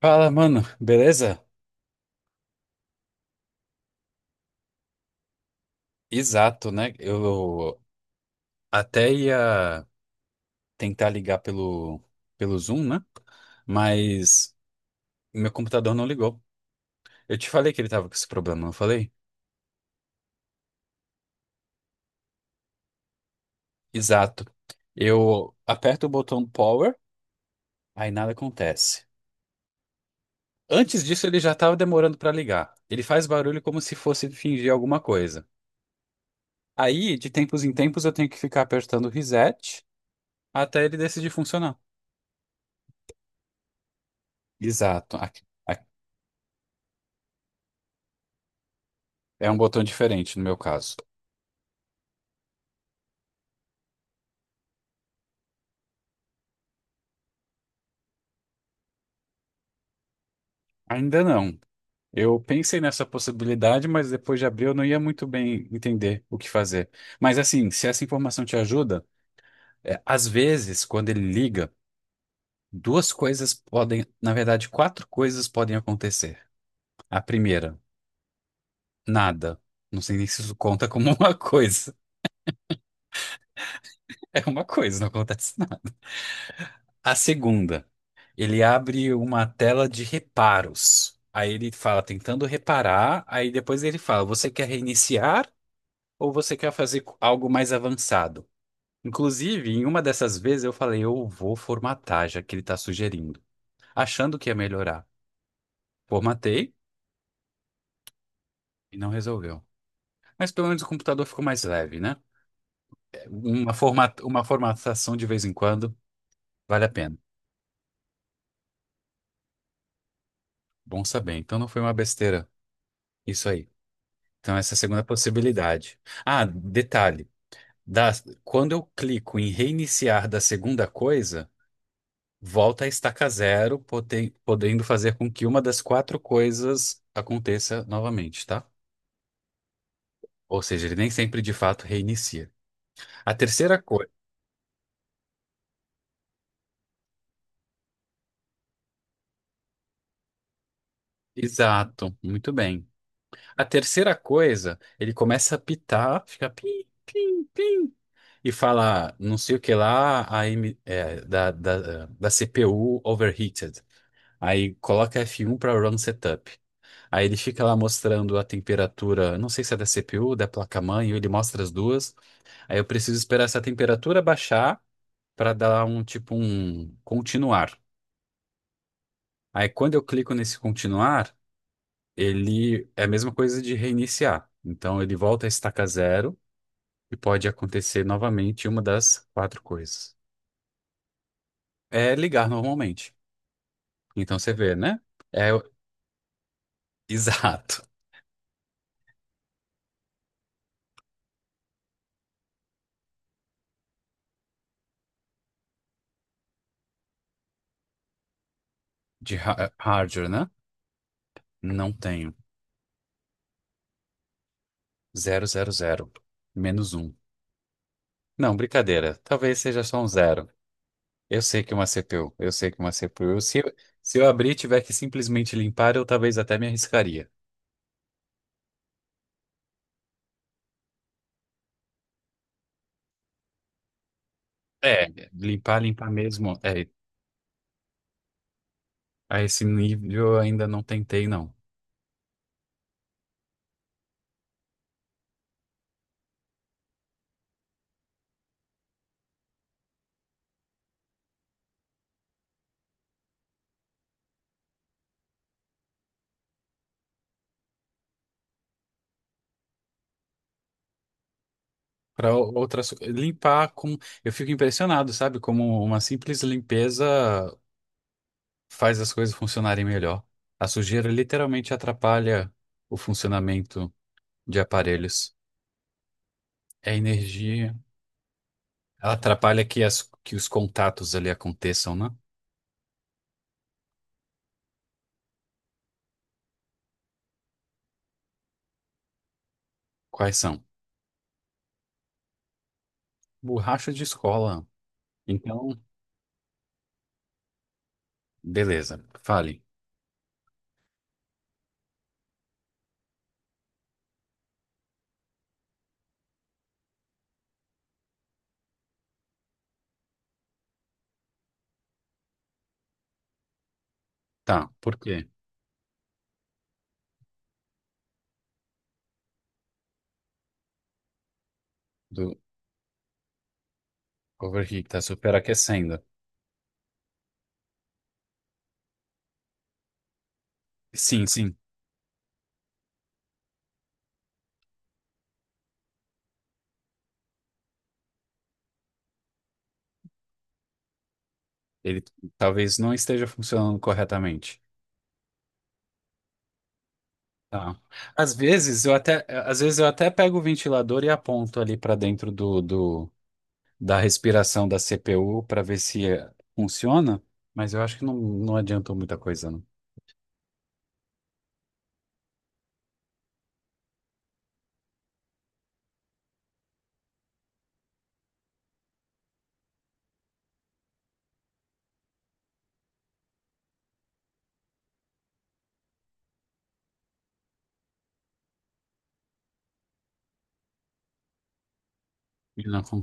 Fala, mano, beleza? Exato, né? Eu até ia tentar ligar pelo Zoom, né? Mas meu computador não ligou. Eu te falei que ele tava com esse problema, não falei? Exato. Eu aperto o botão power, aí nada acontece. Antes disso, ele já tava demorando pra ligar. Ele faz barulho como se fosse fingir alguma coisa. Aí, de tempos em tempos, eu tenho que ficar apertando o reset até ele decidir funcionar. Exato. Aqui- É um botão diferente no meu caso. Ainda não. Eu pensei nessa possibilidade, mas depois de abril eu não ia muito bem entender o que fazer. Mas assim, se essa informação te ajuda, às vezes, quando ele liga, duas coisas podem, na verdade, quatro coisas podem acontecer. A primeira, nada. Não sei nem se isso conta como uma coisa. É uma coisa, não acontece nada. A segunda, ele abre uma tela de reparos. Aí ele fala tentando reparar, aí depois ele fala, você quer reiniciar? Ou você quer fazer algo mais avançado? Inclusive, em uma dessas vezes eu falei, eu vou formatar, já que ele está sugerindo, achando que ia melhorar. Formatei e não resolveu. Mas pelo menos o computador ficou mais leve, né? Uma uma formatação de vez em quando vale a pena. Bom saber. Então não foi uma besteira. Isso aí. Então essa é a segunda possibilidade. Ah, detalhe. Da, Quando eu clico em reiniciar da segunda coisa, volta à estaca zero, podendo fazer com que uma das quatro coisas aconteça novamente, tá? Ou seja, ele nem sempre de fato reinicia. A terceira coisa. Exato, muito bem. A terceira coisa, ele começa a pitar, fica pim, pim, pim, e fala não sei o que lá, a M- é, da, da, da CPU overheated. Aí coloca F1 para run setup. Aí ele fica lá mostrando a temperatura, não sei se é da CPU, da placa-mãe, ele mostra as duas. Aí eu preciso esperar essa temperatura baixar para dar um tipo um continuar. Aí quando eu clico nesse continuar, ele é a mesma coisa de reiniciar. Então ele volta a estaca zero e pode acontecer novamente uma das quatro coisas. É ligar normalmente. Então você vê, né? É o- exato. De hardware, né? Não tenho. Zero, zero, zero. Menos um. Não, brincadeira. Talvez seja só um zero. Eu sei que é uma CPU, eu sei que é uma CPU. Se eu abrir e tiver que simplesmente limpar, eu talvez até me arriscaria. É, limpar, limpar mesmo. É, a esse nível eu ainda não tentei, não. Para outras, limpar com. Eu fico impressionado, sabe? Como uma simples limpeza faz as coisas funcionarem melhor. A sujeira literalmente atrapalha o funcionamento de aparelhos. É energia. Ela atrapalha que os contatos ali aconteçam, né? Quais são? Borracha de escola. Então, beleza, fale. Tá, por quê? Do overheat tá superaquecendo. Sim, sim, ele talvez não esteja funcionando corretamente. Tá. Às vezes eu até pego o ventilador e aponto ali para dentro do da respiração da CPU para ver se funciona, mas eu acho que não adiantou muita coisa, não. Ele não, fun-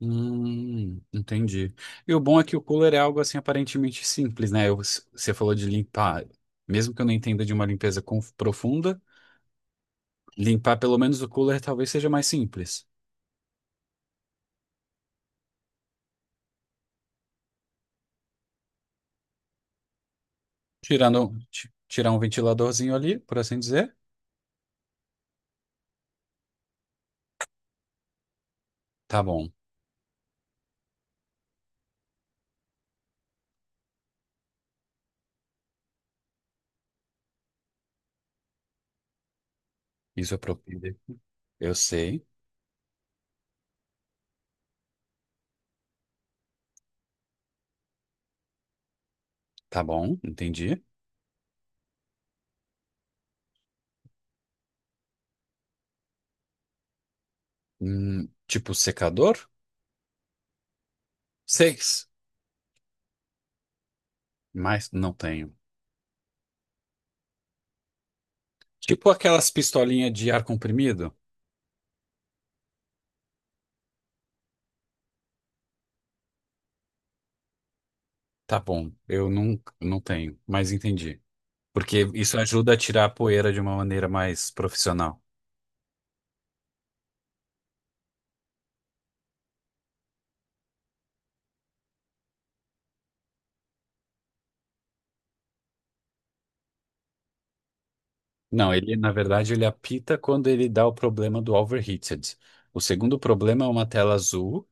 Entendi. E o bom é que o cooler é algo assim aparentemente simples, né? Você falou de limpar, mesmo que eu não entenda de uma limpeza profunda, limpar pelo menos o cooler talvez seja mais simples. Tirando, tirar um ventiladorzinho ali, por assim dizer. Tá bom. Isso é propíleo. Eu sei. Tá bom, entendi. Tipo secador? Seis. Mas não tenho. Tipo aquelas pistolinhas de ar comprimido? Tá bom, eu não tenho, mas entendi. Porque isso ajuda a tirar a poeira de uma maneira mais profissional. Não, ele, na verdade, ele apita quando ele dá o problema do overheated. O segundo problema é uma tela azul.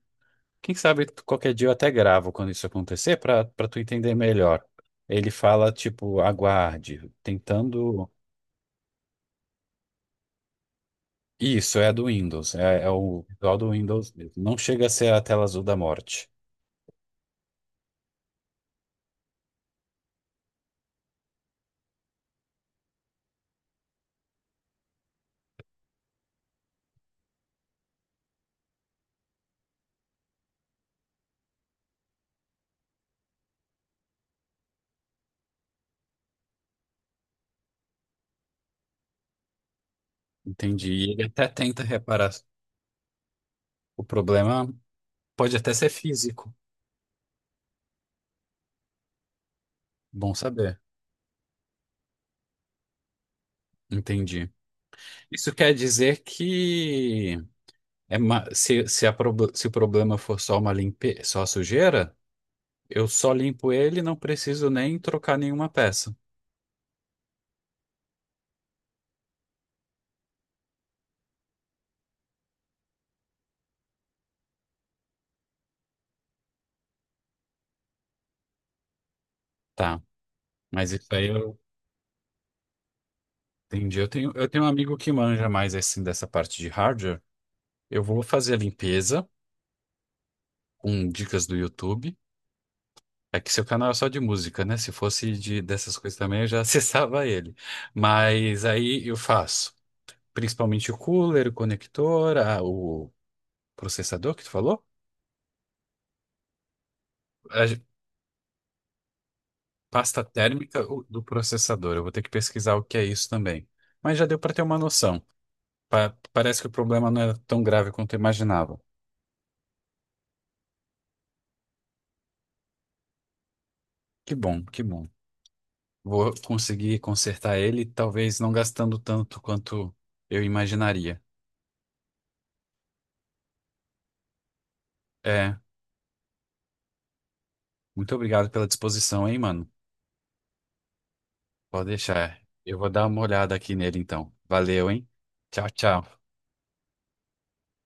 Quem sabe qualquer dia eu até gravo quando isso acontecer para para tu entender melhor. Ele fala, tipo, aguarde, tentando. Isso, é a do Windows. É, é o visual do Windows mesmo. Não chega a ser a tela azul da morte. Entendi. E ele até tenta reparar. O problema pode até ser físico. Bom saber. Entendi. Isso quer dizer que se o problema for só uma limpe... só a sujeira, eu só limpo ele, e não preciso nem trocar nenhuma peça. Tá, mas isso aí eu entendi. Eu tenho um amigo que manja mais assim dessa parte de hardware. Eu vou fazer a limpeza com dicas do YouTube. É que seu canal é só de música, né? Se fosse de dessas coisas também, eu já acessava ele. Mas aí eu faço, principalmente o cooler, o conector, o processador que tu falou? a ge- Pasta térmica do processador. Eu vou ter que pesquisar o que é isso também. Mas já deu para ter uma noção. Parece que o problema não era tão grave quanto eu imaginava. Que bom, que bom. Vou conseguir consertar ele, talvez não gastando tanto quanto eu imaginaria. É, muito obrigado pela disposição, hein, mano? Pode deixar. Eu vou dar uma olhada aqui nele então. Valeu, hein? Tchau, tchau.